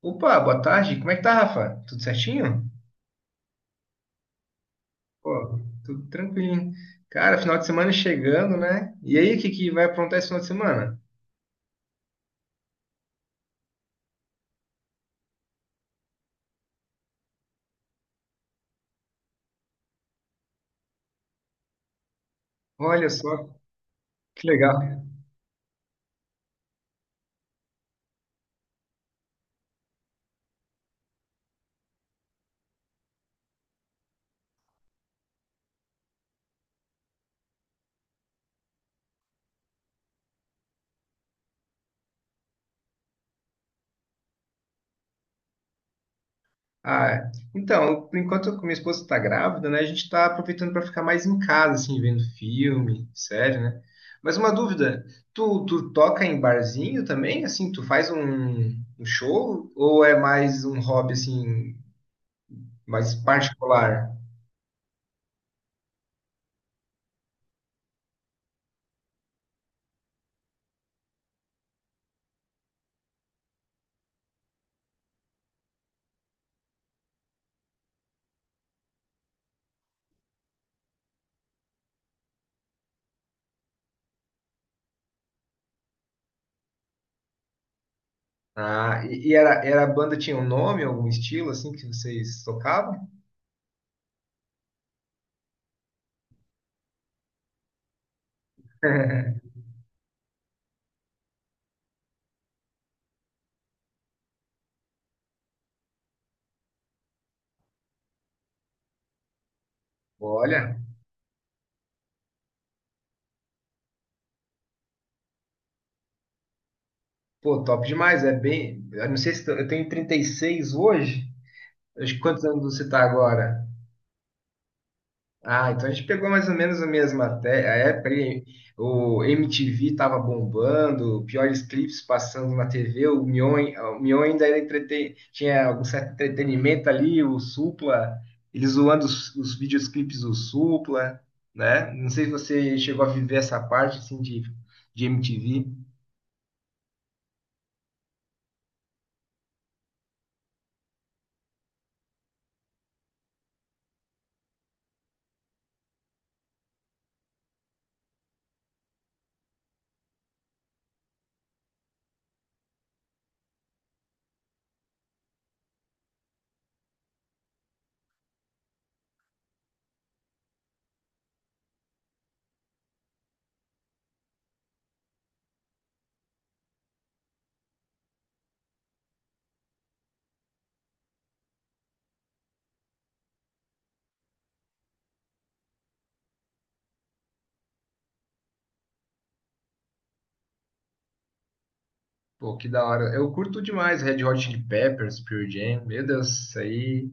Opa, boa tarde. Como é que tá, Rafa? Tudo certinho? Pô, tudo tranquilinho. Cara, final de semana chegando, né? E aí, o que que vai aprontar esse final de semana? Olha só, que legal. Ah, então, por enquanto minha esposa tá grávida, né? A gente tá aproveitando para ficar mais em casa, assim, vendo filme, série, né? Mas uma dúvida, tu toca em barzinho também? Assim, tu faz um show? Ou é mais um hobby, assim, mais particular? Ah, e era, a banda tinha um nome, algum estilo assim que vocês tocavam? Olha, pô, top demais. É bem. Eu não sei se t- eu tenho 36 hoje. Acho que quantos anos você tá agora? Ah, então a gente pegou mais ou menos a mesma até a época ali. O MTV estava bombando, piores clipes passando na TV. O Mion ainda era tinha algum certo entretenimento ali. O Supla, eles zoando os videoclipes do Supla, né? Não sei se você chegou a viver essa parte assim de MTV. Pô, que da hora. Eu curto demais Red Hot Chili Peppers, Pearl Jam. Meu Deus, isso aí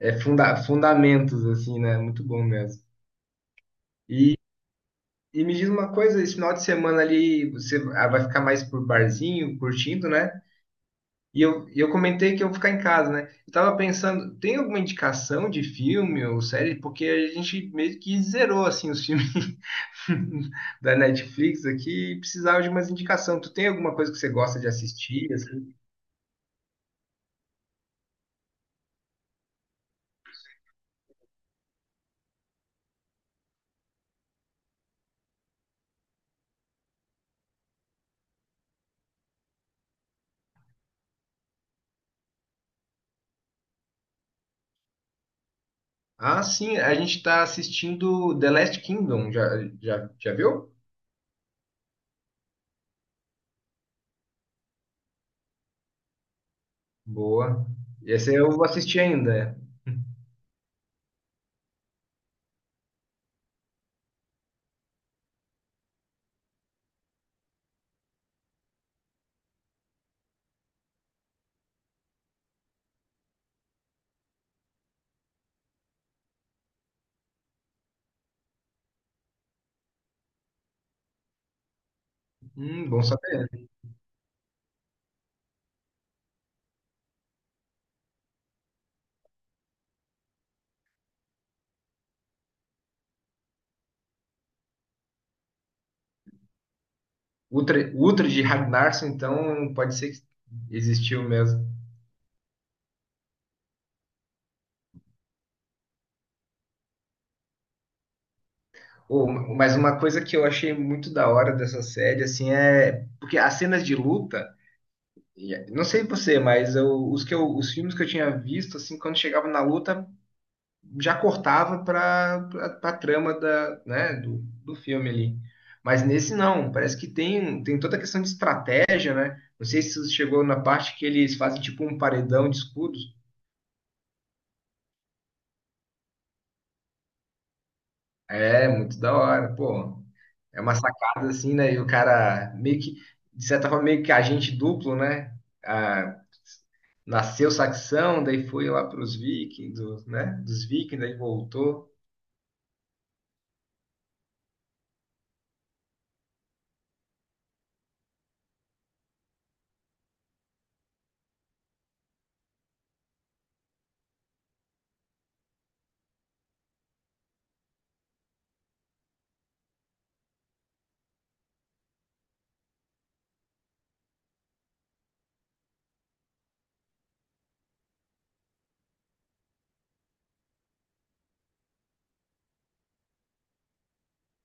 é fundamentos, assim, né? Muito bom mesmo. E me diz uma coisa, esse final de semana ali você vai ficar mais por barzinho, curtindo, né? E eu comentei que eu vou ficar em casa, né? Eu tava pensando, tem alguma indicação de filme ou série? Porque a gente meio que zerou, assim, os filmes da Netflix aqui e precisava de umas indicação. Tu tem alguma coisa que você gosta de assistir, assim? Ah, sim, a gente tá assistindo The Last Kingdom, já viu? Boa. Esse eu vou assistir ainda. Bom saber. Ultra de Ragnarsson, então pode ser que existiu mesmo. Oh, mas uma coisa que eu achei muito da hora dessa série, assim, é porque as cenas de luta, não sei você, mas os filmes que eu tinha visto, assim, quando chegava na luta, já cortava para a trama da, né, do, do filme ali. Mas nesse não, parece que tem, tem toda a questão de estratégia, né? Não sei se chegou na parte que eles fazem tipo um paredão de escudos. É, muito da hora, pô. É uma sacada assim, né? E o cara meio que, de certa forma, meio que agente duplo, né? Ah, nasceu saxão, daí foi lá para os vikings, né? Dos vikings, daí voltou.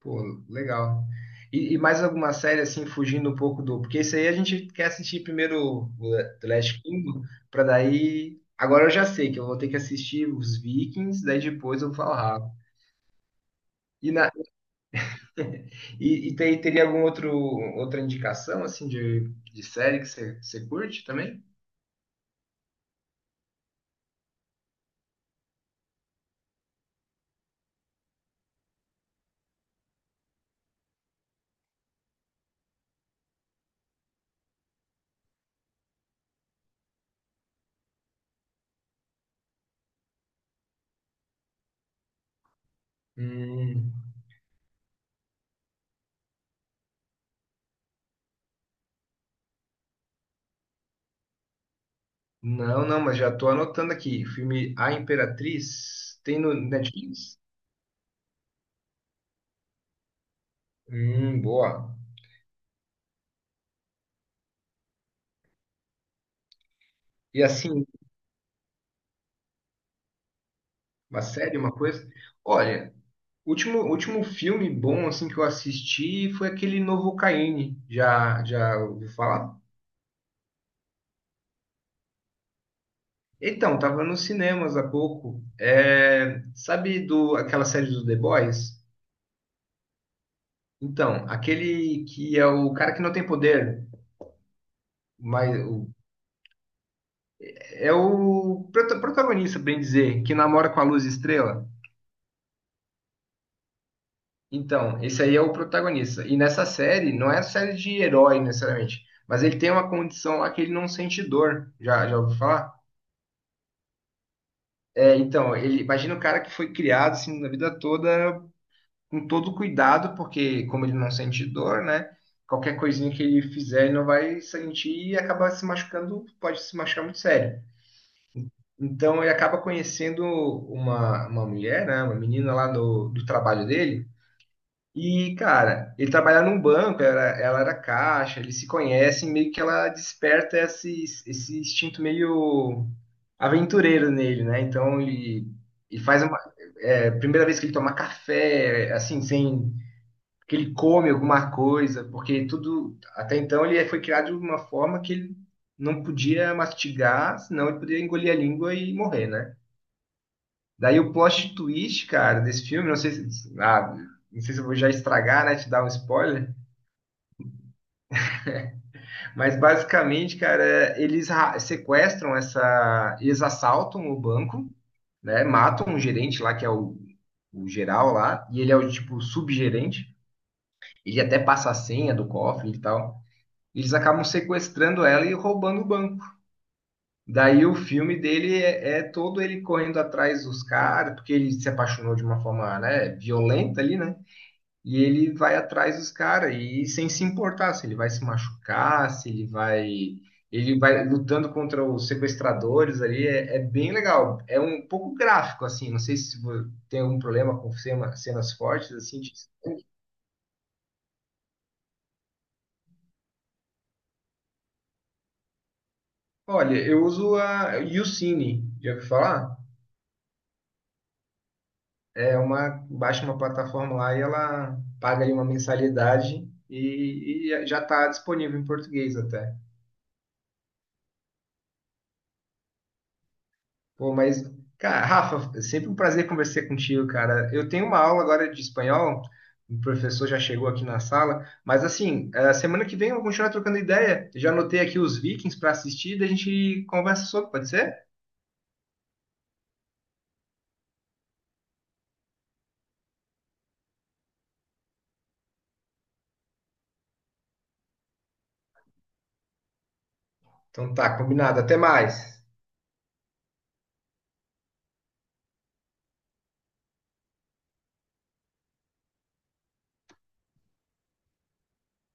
Pô, legal. E, mais alguma série assim, fugindo um pouco do. Porque isso aí a gente quer assistir primeiro o The Last Kingdom, para daí. Agora eu já sei que eu vou ter que assistir os Vikings, daí depois eu vou falar. E na, E, teria algum outro outra indicação assim de série que você curte também? Hum, não, não, mas já tô anotando aqui. Filme A Imperatriz tem no Netflix? Boa. E assim, uma série, uma coisa. Olha, último filme bom assim que eu assisti foi aquele novo Caine. Já ouviu falar? Então, tava nos cinemas há pouco. É, sabe do aquela série do The Boys? Então, aquele que é o cara que não tem poder, mas é o protagonista, bem dizer, que namora com a Luz Estrela. Então, esse aí é o protagonista. E nessa série, não é série de herói necessariamente, mas ele tem uma condição lá que ele não sente dor. Já ouviu falar? É, então, ele imagina o cara que foi criado assim na vida toda com todo cuidado, porque como ele não sente dor, né? Qualquer coisinha que ele fizer, ele não vai sentir e acaba se machucando, pode se machucar muito sério. Então ele acaba conhecendo uma mulher, né, uma menina lá do trabalho dele. E, cara, ele trabalha num banco, ela era caixa, eles se conhecem, meio que ela desperta esse instinto meio aventureiro nele, né? Então ele faz uma. É, primeira vez que ele toma café, assim, sem. Que ele come alguma coisa, porque tudo. Até então ele foi criado de uma forma que ele não podia mastigar, senão ele poderia engolir a língua e morrer, né? Daí o plot twist, cara, desse filme, não sei se, ah, não sei se eu vou já estragar, né, te dar um spoiler, mas basicamente, cara, é, sequestram essa, eles assaltam o banco, né, matam um gerente lá que é o geral lá, e ele é o tipo subgerente, ele até passa a senha do cofre e tal. Eles acabam sequestrando ela e roubando o banco. Daí o filme dele é todo ele correndo atrás dos caras, porque ele se apaixonou de uma forma, né, violenta ali, né? E ele vai atrás dos caras e sem se importar se ele vai se machucar, se ele vai. Ele vai lutando contra os sequestradores ali, é, é bem legal. É um pouco gráfico, assim, não sei se vo- tem algum problema com cenas fortes, assim. De- Olha, eu uso a YouCine, já ouviu falar? É uma, baixa uma plataforma lá e ela paga ali uma mensalidade e já está disponível em português até. Pô, mas, cara, Rafa, é sempre um prazer conversar contigo, cara. Eu tenho uma aula agora de espanhol, o professor já chegou aqui na sala, mas assim, a semana que vem eu vou continuar trocando ideia. Já anotei aqui os Vikings para assistir, daí a gente conversa sobre, pode ser? Então tá, combinado. Até mais.